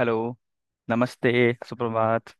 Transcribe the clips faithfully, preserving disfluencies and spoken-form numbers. Hello. नमस्ते। सुप्रभात।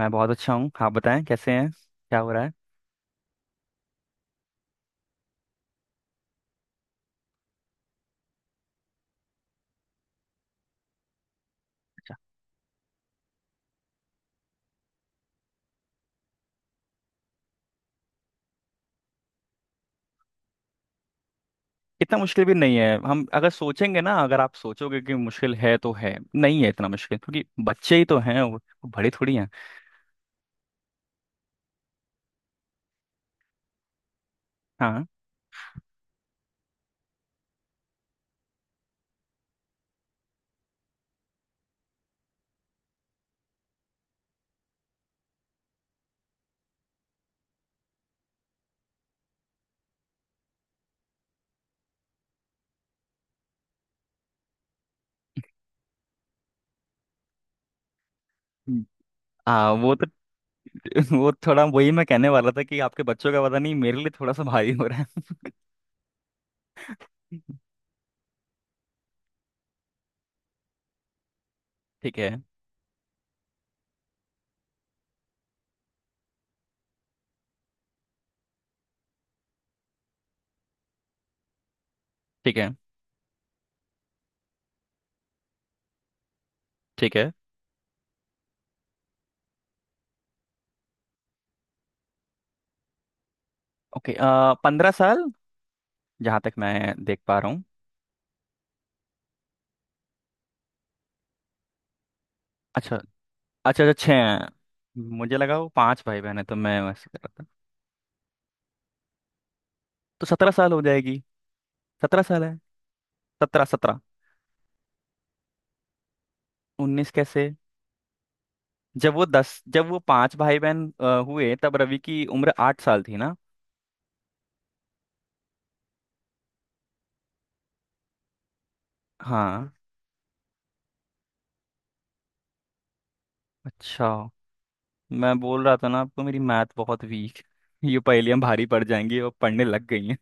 मैं बहुत अच्छा हूँ। आप बताएं, कैसे हैं, क्या हो रहा है? इतना मुश्किल भी नहीं है। हम अगर सोचेंगे ना, अगर आप सोचोगे कि मुश्किल है तो है नहीं है इतना मुश्किल, क्योंकि बच्चे ही तो हैं। वो वो बड़े थोड़ी हैं। हाँ। आ, वो तो… वो थोड़ा वही मैं कहने वाला था कि आपके बच्चों का पता नहीं, मेरे लिए थोड़ा सा भारी हो रहा है। ठीक है। ठीक है। ठीक है। ओके। आ, पंद्रह साल। जहाँ तक मैं देख पा रहा हूँ। अच्छा। अच्छा, अच्छा, छः हैं। मुझे लगा वो पांच भाई बहन है, तो मैं वैसे कर रहा था। तो सत्रह साल हो जाएगी। सत्रह साल है। सत्रह, सत्रह। उन्नीस कैसे? जब वो दस जब वो पांच भाई बहन अ, हुए, तब रवि की उम्र आठ साल थी ना। हाँ। अच्छा। मैं बोल रहा था ना आपको, मेरी मैथ बहुत वीक। ये पहेलियां भारी पड़ जाएंगी और पढ़ने लग गई हैं।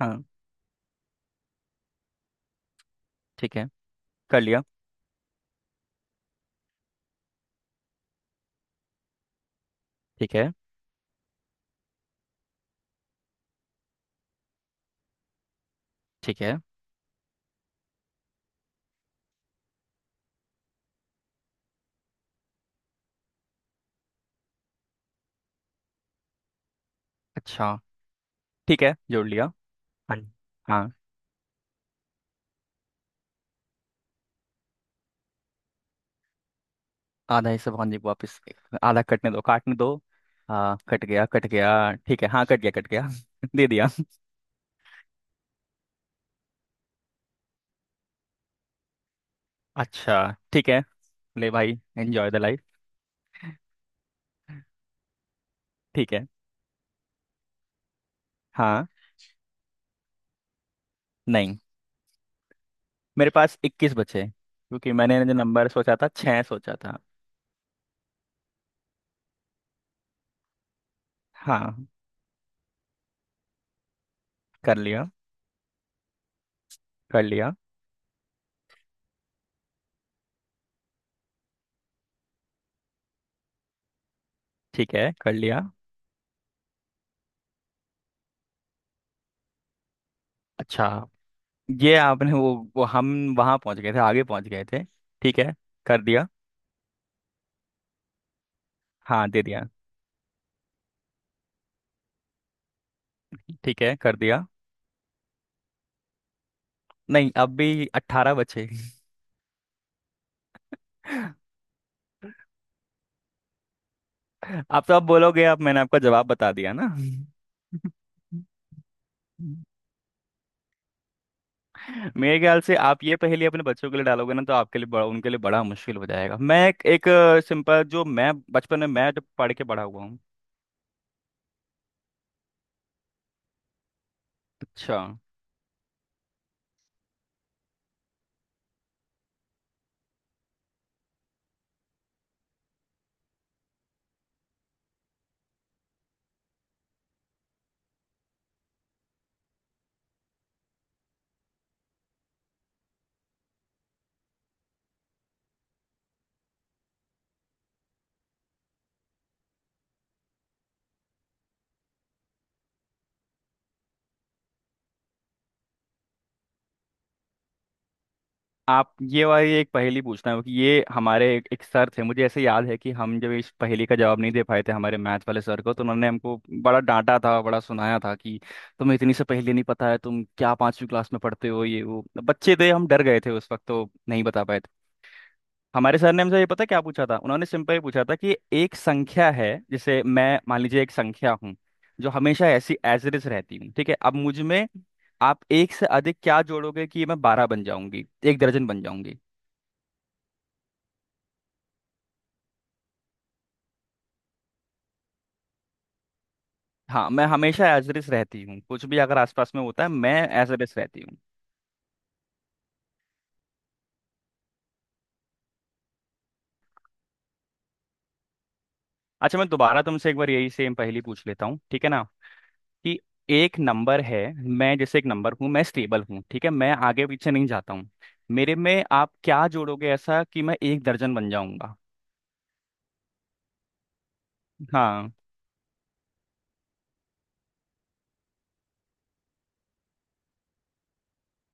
हाँ, ठीक है, कर लिया। ठीक है। ठीक है। अच्छा। ठीक है, जोड़ लिया। हाँ, हाँ। आधा हिस्सा भगवान जी को वापस। आधा कटने दो, काटने दो। हाँ, कट गया, कट गया। ठीक है, हाँ, कट गया, कट गया। दे दिया। अच्छा। ठीक है। ले भाई, एंजॉय द लाइफ। ठीक है। हाँ। नहीं, मेरे पास इक्कीस बचे हैं, क्योंकि मैंने जो नंबर सोचा था छः सोचा था। हाँ, कर लिया। कर लिया। ठीक है, कर लिया। अच्छा, ये आपने वो, वो हम वहाँ पहुँच गए थे, आगे पहुँच गए थे। ठीक है, कर दिया। हाँ, दे दिया। ठीक है, कर दिया। नहीं, अब भी अट्ठारह बचे। आप तो अब बोलोगे अब मैंने आपका जवाब बता दिया ना। मेरे ख्याल से आप ये पहेली अपने बच्चों के लिए डालोगे ना, तो आपके लिए बड़ा, उनके लिए बड़ा मुश्किल हो जाएगा। मैं एक, एक अ, सिंपल, जो मैं बचपन में मैं जब पढ़ के बड़ा हुआ हूँ। अच्छा। आप ये वाली एक पहेली पूछना है कि ये हमारे एक, एक सर थे। मुझे ऐसे याद है कि हम जब इस पहेली का जवाब नहीं दे पाए थे हमारे मैथ वाले सर को, तो उन्होंने हमको बड़ा डांटा था, बड़ा सुनाया था कि तुम्हें इतनी सी पहेली नहीं पता है, तुम क्या पांचवी क्लास में पढ़ते हो। ये वो बच्चे थे, हम डर गए थे उस वक्त, तो नहीं बता पाए। हमारे सर ने हमसे ये पता है क्या पूछा था, उन्होंने सिंपल ही पूछा था कि एक संख्या है। जैसे मैं, मान लीजिए, एक संख्या हूँ, जो हमेशा ऐसी एज इट इज रहती हूँ, ठीक है, अब मुझ में आप एक से अधिक क्या जोड़ोगे कि मैं बारह बन जाऊंगी, एक दर्जन बन जाऊंगी। हाँ, मैं हमेशा एज इट इज रहती हूँ, कुछ भी अगर आसपास में होता है, मैं एज इट इज रहती हूँ। अच्छा, मैं दोबारा तुमसे एक बार यही सेम पहेली पूछ लेता हूँ, ठीक है ना, कि एक नंबर है, मैं जैसे एक नंबर हूँ, मैं स्टेबल हूँ, ठीक है, मैं आगे पीछे नहीं जाता हूँ। मेरे में आप क्या जोड़ोगे ऐसा कि मैं एक दर्जन बन जाऊंगा? हाँ,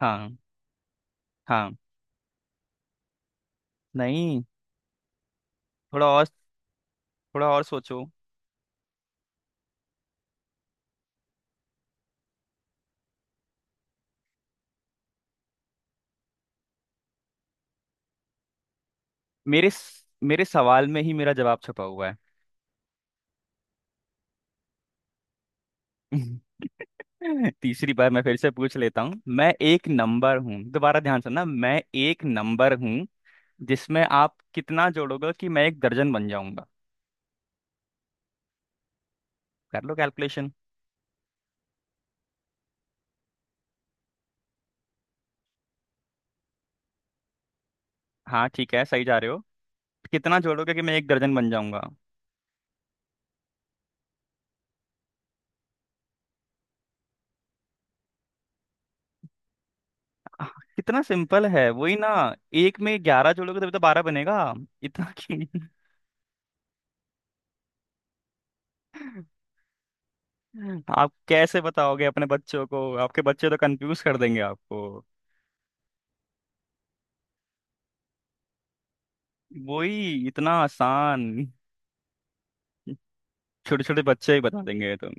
हाँ, हाँ। नहीं, थोड़ा और, थोड़ा और सोचो। मेरे स- मेरे सवाल में ही मेरा जवाब छुपा हुआ है। तीसरी बार मैं फिर से पूछ लेता हूँ, मैं एक नंबर हूँ, दोबारा ध्यान से ना, मैं एक नंबर हूँ, जिसमें आप कितना जोड़ोगे कि मैं एक दर्जन बन जाऊंगा? कर लो कैलकुलेशन। हाँ, ठीक है, सही जा रहे हो। कितना जोड़ोगे कि मैं एक दर्जन बन जाऊंगा? आह, कितना सिंपल है, वही ना, एक में ग्यारह जोड़ोगे तभी तो बारह बनेगा। इतना कि… आप कैसे बताओगे अपने बच्चों को, आपके बच्चे तो कंफ्यूज कर देंगे आपको। वही, इतना आसान। छोटे छोटे बच्चे ही बता देंगे ये तो।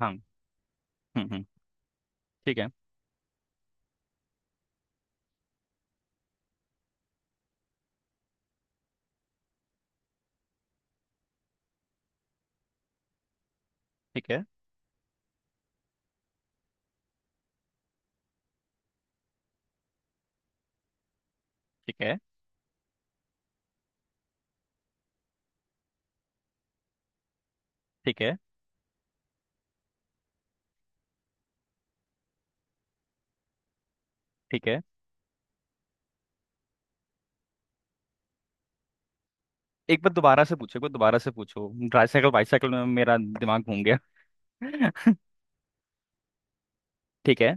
हाँ। हम्म। हम्म। ठीक है। ठीक है। ठीक है। ठीक है। ठीक है। एक बार दोबारा से पूछो, एक बार दोबारा से पूछो, ट्राईसाइकिल बाईसाइकिल में मेरा दिमाग घूम गया। ठीक है।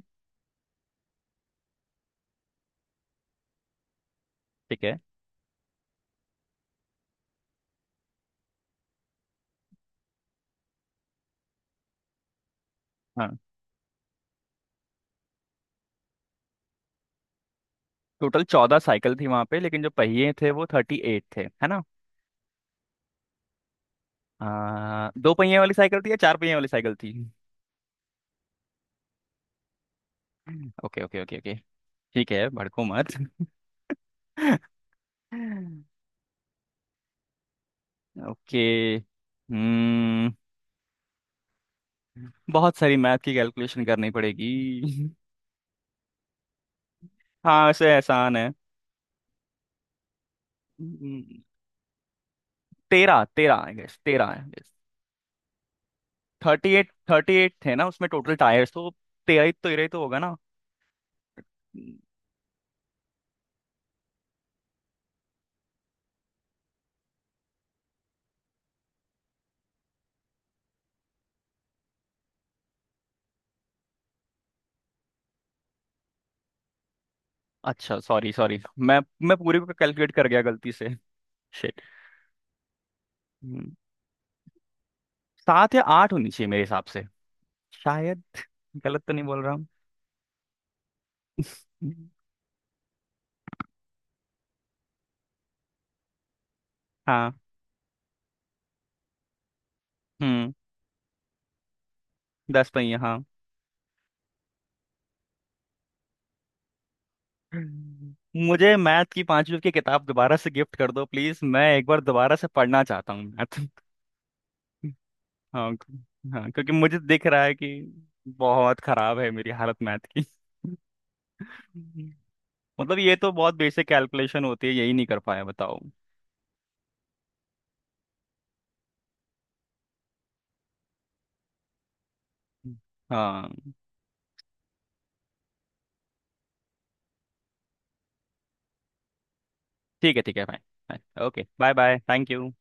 ठीक है। हाँ। टोटल चौदह साइकिल थी वहां पे, लेकिन जो पहिए थे वो थर्टी एट थे, है ना? आ, दो पहिए वाली साइकिल थी या चार पहिए वाली साइकिल थी? Okay, okay, okay, okay. ठीक है, भड़को मत। ओके। हम्म। बहुत सारी मैथ की कैलकुलेशन करनी पड़ेगी। हाँ, ऐसे आसान है। हम्म, तेरह, तेरह आई गेस, तेरह I guess. Thirty eight, thirty eight थे ना उसमें टोटल टायर्स तो। तेरह ही, तेरह ही तो होगा ना। हम्म, अच्छा, सॉरी, सॉरी, मैं मैं पूरे को कैलकुलेट कर गया गलती से। हम्म, सात या आठ होनी चाहिए मेरे हिसाब से। शायद। गलत तो नहीं बोल रहा हूँ। हम्म, हाँ। हम्म दस पहिया, हाँ। हम्म। मुझे मैथ की पांचवी की किताब दोबारा से गिफ्ट कर दो प्लीज मैं एक बार दोबारा से पढ़ना चाहता हूँ मैथ। हाँ, हाँ, क्योंकि मुझे दिख रहा है कि बहुत खराब है मेरी हालत मैथ की। हम्म। मतलब ये तो बहुत बेसिक कैलकुलेशन होती है, यही नहीं कर पाया, बताओ। हाँ, ठीक है, ठीक है भाई। Okay, bye bye, thank you.